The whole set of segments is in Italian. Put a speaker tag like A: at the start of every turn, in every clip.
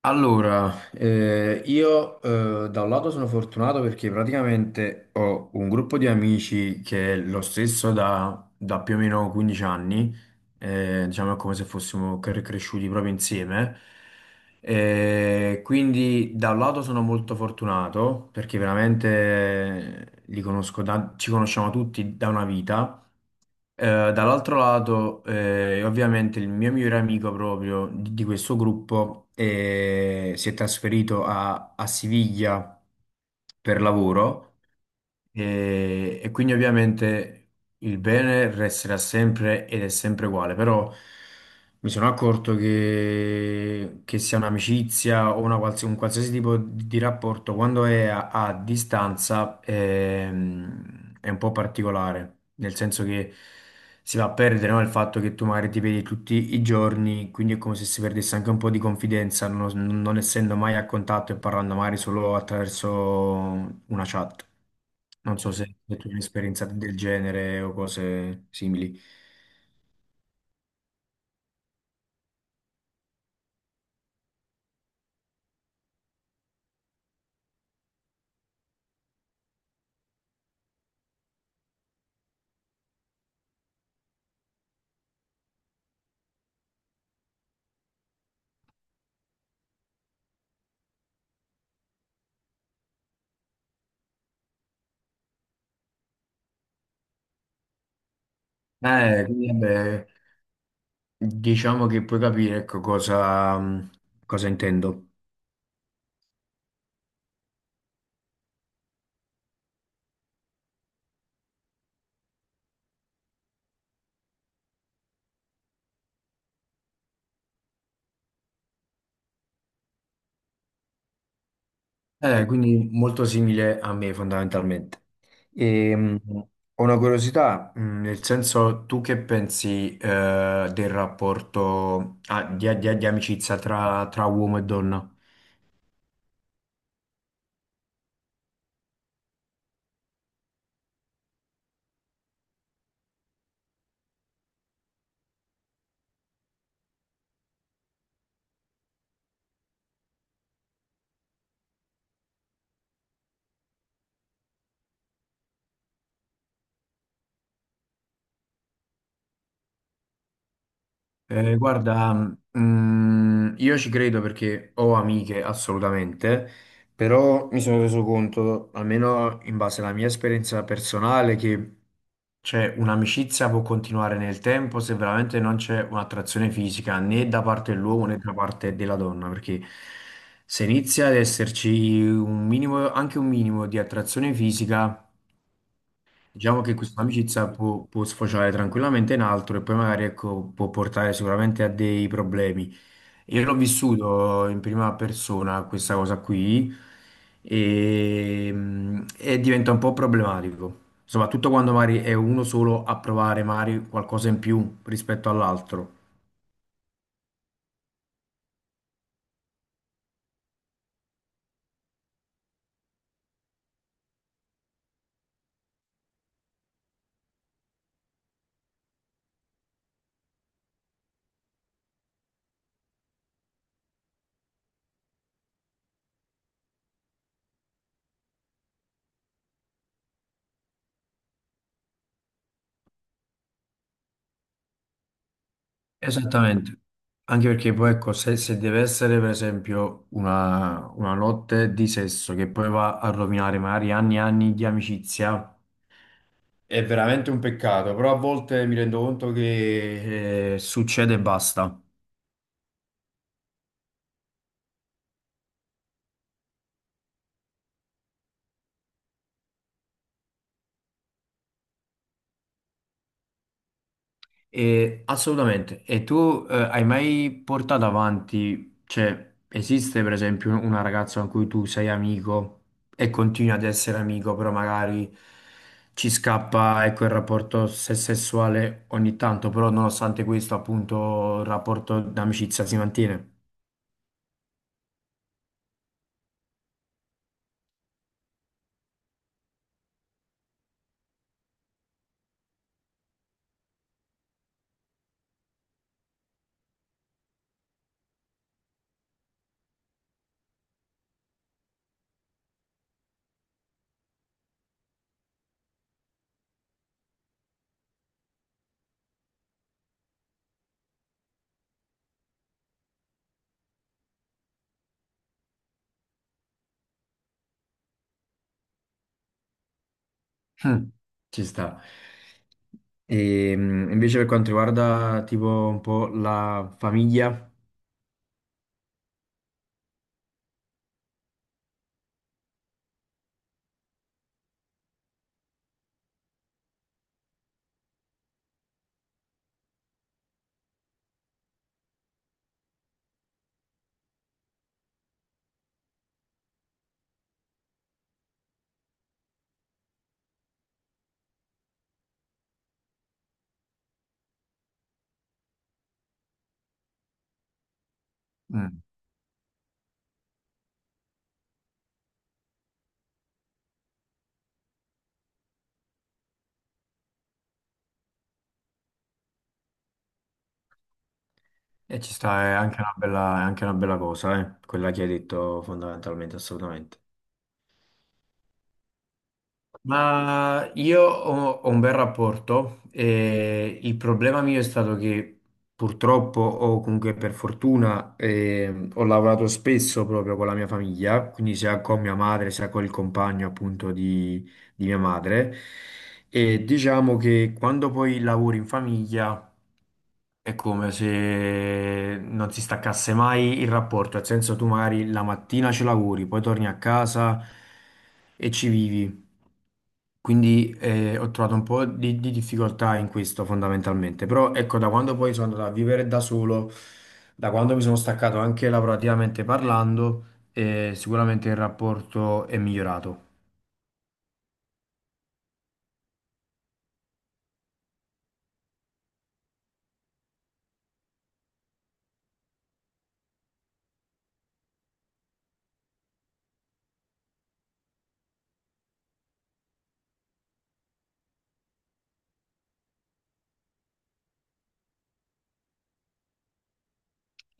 A: Allora, io da un lato sono fortunato perché praticamente ho un gruppo di amici che è lo stesso da più o meno 15 anni, diciamo è come se fossimo cresciuti proprio insieme. Quindi da un lato sono molto fortunato perché veramente ci conosciamo tutti da una vita. Eh, Dall'altro lato, ovviamente il mio migliore amico proprio di questo gruppo si è trasferito a Siviglia per lavoro e quindi ovviamente il bene resterà sempre ed è sempre uguale, però mi sono accorto che sia un'amicizia o un qualsiasi tipo di rapporto, quando è a distanza è un po' particolare, nel senso che si va a perdere, no, il fatto che tu magari ti vedi tutti i giorni, quindi è come se si perdesse anche un po' di confidenza, non essendo mai a contatto e parlando magari solo attraverso una chat. Non so se tu hai un'esperienza del genere o cose simili. Quindi, vabbè, diciamo che puoi capire, ecco, cosa intendo. Quindi molto simile a me fondamentalmente. E ho una curiosità, nel senso, tu che pensi, del rapporto, di amicizia tra uomo e donna? Guarda, io ci credo perché ho amiche assolutamente, però mi sono reso conto, almeno in base alla mia esperienza personale, che cioè, un'amicizia può continuare nel tempo se veramente non c'è un'attrazione fisica né da parte dell'uomo né da parte della donna, perché se inizia ad esserci un minimo, anche un minimo di attrazione fisica. Diciamo che questa amicizia può sfociare tranquillamente in altro e poi magari ecco, può portare sicuramente a dei problemi. Io l'ho vissuto in prima persona questa cosa qui e diventa un po' problematico, soprattutto quando magari è uno solo a provare magari qualcosa in più rispetto all'altro. Esattamente, anche perché poi ecco, se deve essere per esempio una notte di sesso che poi va a rovinare magari anni e anni di amicizia, è veramente un peccato, però a volte mi rendo conto che succede e basta. E, assolutamente. E tu hai mai portato avanti, cioè esiste per esempio una ragazza con cui tu sei amico e continui ad essere amico, però magari ci scappa ecco, il rapporto sessuale ogni tanto, però nonostante questo appunto il rapporto d'amicizia si mantiene. Hm, Ci sta. E invece per quanto riguarda tipo un po' la famiglia. Mm. Ci sta, è anche una bella cosa, quella che hai detto fondamentalmente, assolutamente. Ma io ho un bel rapporto, il problema mio è stato che purtroppo o comunque per fortuna ho lavorato spesso proprio con la mia famiglia, quindi sia con mia madre sia con il compagno appunto di mia madre e diciamo che quando poi lavori in famiglia è come se non si staccasse mai il rapporto, nel senso tu magari la mattina ci lavori, poi torni a casa e ci vivi. Quindi ho trovato un po' di difficoltà in questo fondamentalmente, però ecco da quando poi sono andato a vivere da solo, da quando mi sono staccato anche lavorativamente parlando, sicuramente il rapporto è migliorato.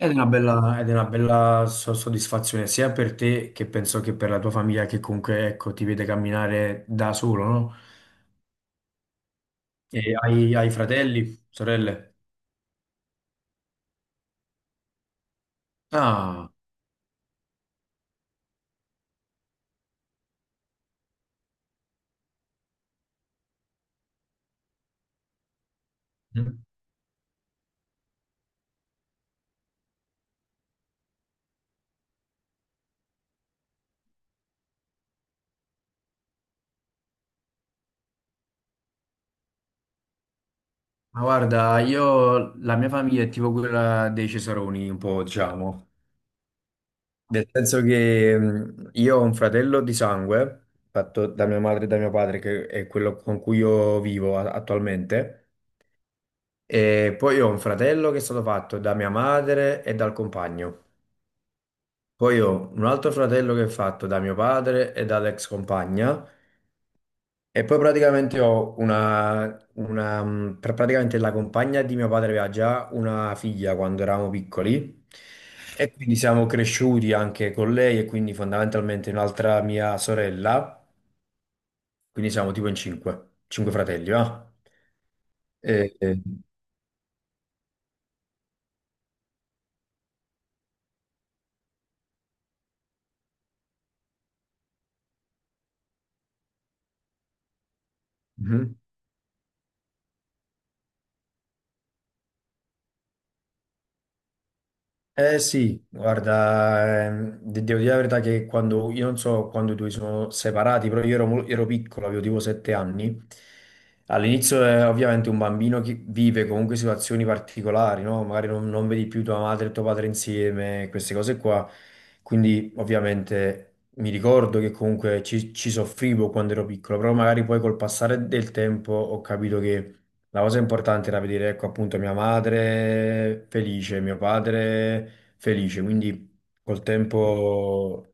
A: Ed è una bella soddisfazione sia per te che penso che per la tua famiglia che comunque ecco, ti vede camminare da solo, no? E hai fratelli, sorelle? Ah. Ma guarda, io la mia famiglia è tipo quella dei Cesaroni, un po', diciamo, nel senso che io ho un fratello di sangue, fatto da mia madre e da mio padre, che è quello con cui io vivo attualmente, e poi ho un fratello che è stato fatto da mia madre e dal compagno, poi ho un altro fratello che è fatto da mio padre e dall'ex compagna, e poi praticamente ho una, pra- praticamente la compagna di mio padre aveva già una figlia quando eravamo piccoli e quindi siamo cresciuti anche con lei e quindi fondamentalmente un'altra mia sorella, quindi siamo tipo in cinque fratelli, va? E, e- mhm. Eh sì, guarda, devo dire la verità che quando, io non so quando i due sono separati, però io ero piccolo, avevo tipo 7 anni. All'inizio ovviamente un bambino che vive comunque situazioni particolari, no? Magari non vedi più tua madre e tuo padre insieme, queste cose qua. Quindi ovviamente mi ricordo che comunque ci soffrivo quando ero piccolo, però magari poi col passare del tempo ho capito la cosa importante era vedere, ecco, appunto mia madre felice, mio padre felice, quindi col tempo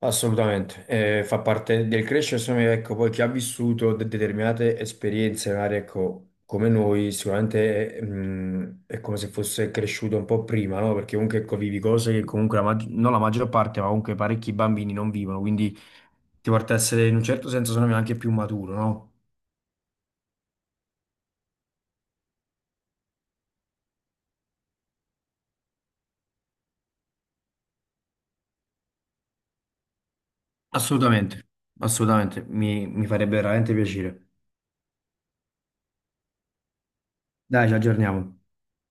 A: assolutamente fa parte del crescere, secondo me, ecco, poi chi ha vissuto determinate esperienze, magari, ecco, come noi, sicuramente è come se fosse cresciuto un po' prima, no? Perché comunque, ecco, vivi cose che comunque, non la maggior parte, ma comunque parecchi bambini non vivono, quindi ti porta a essere in un certo senso, secondo me, anche più maturo, no? Assolutamente, assolutamente, mi farebbe veramente piacere. Dai, ci aggiorniamo.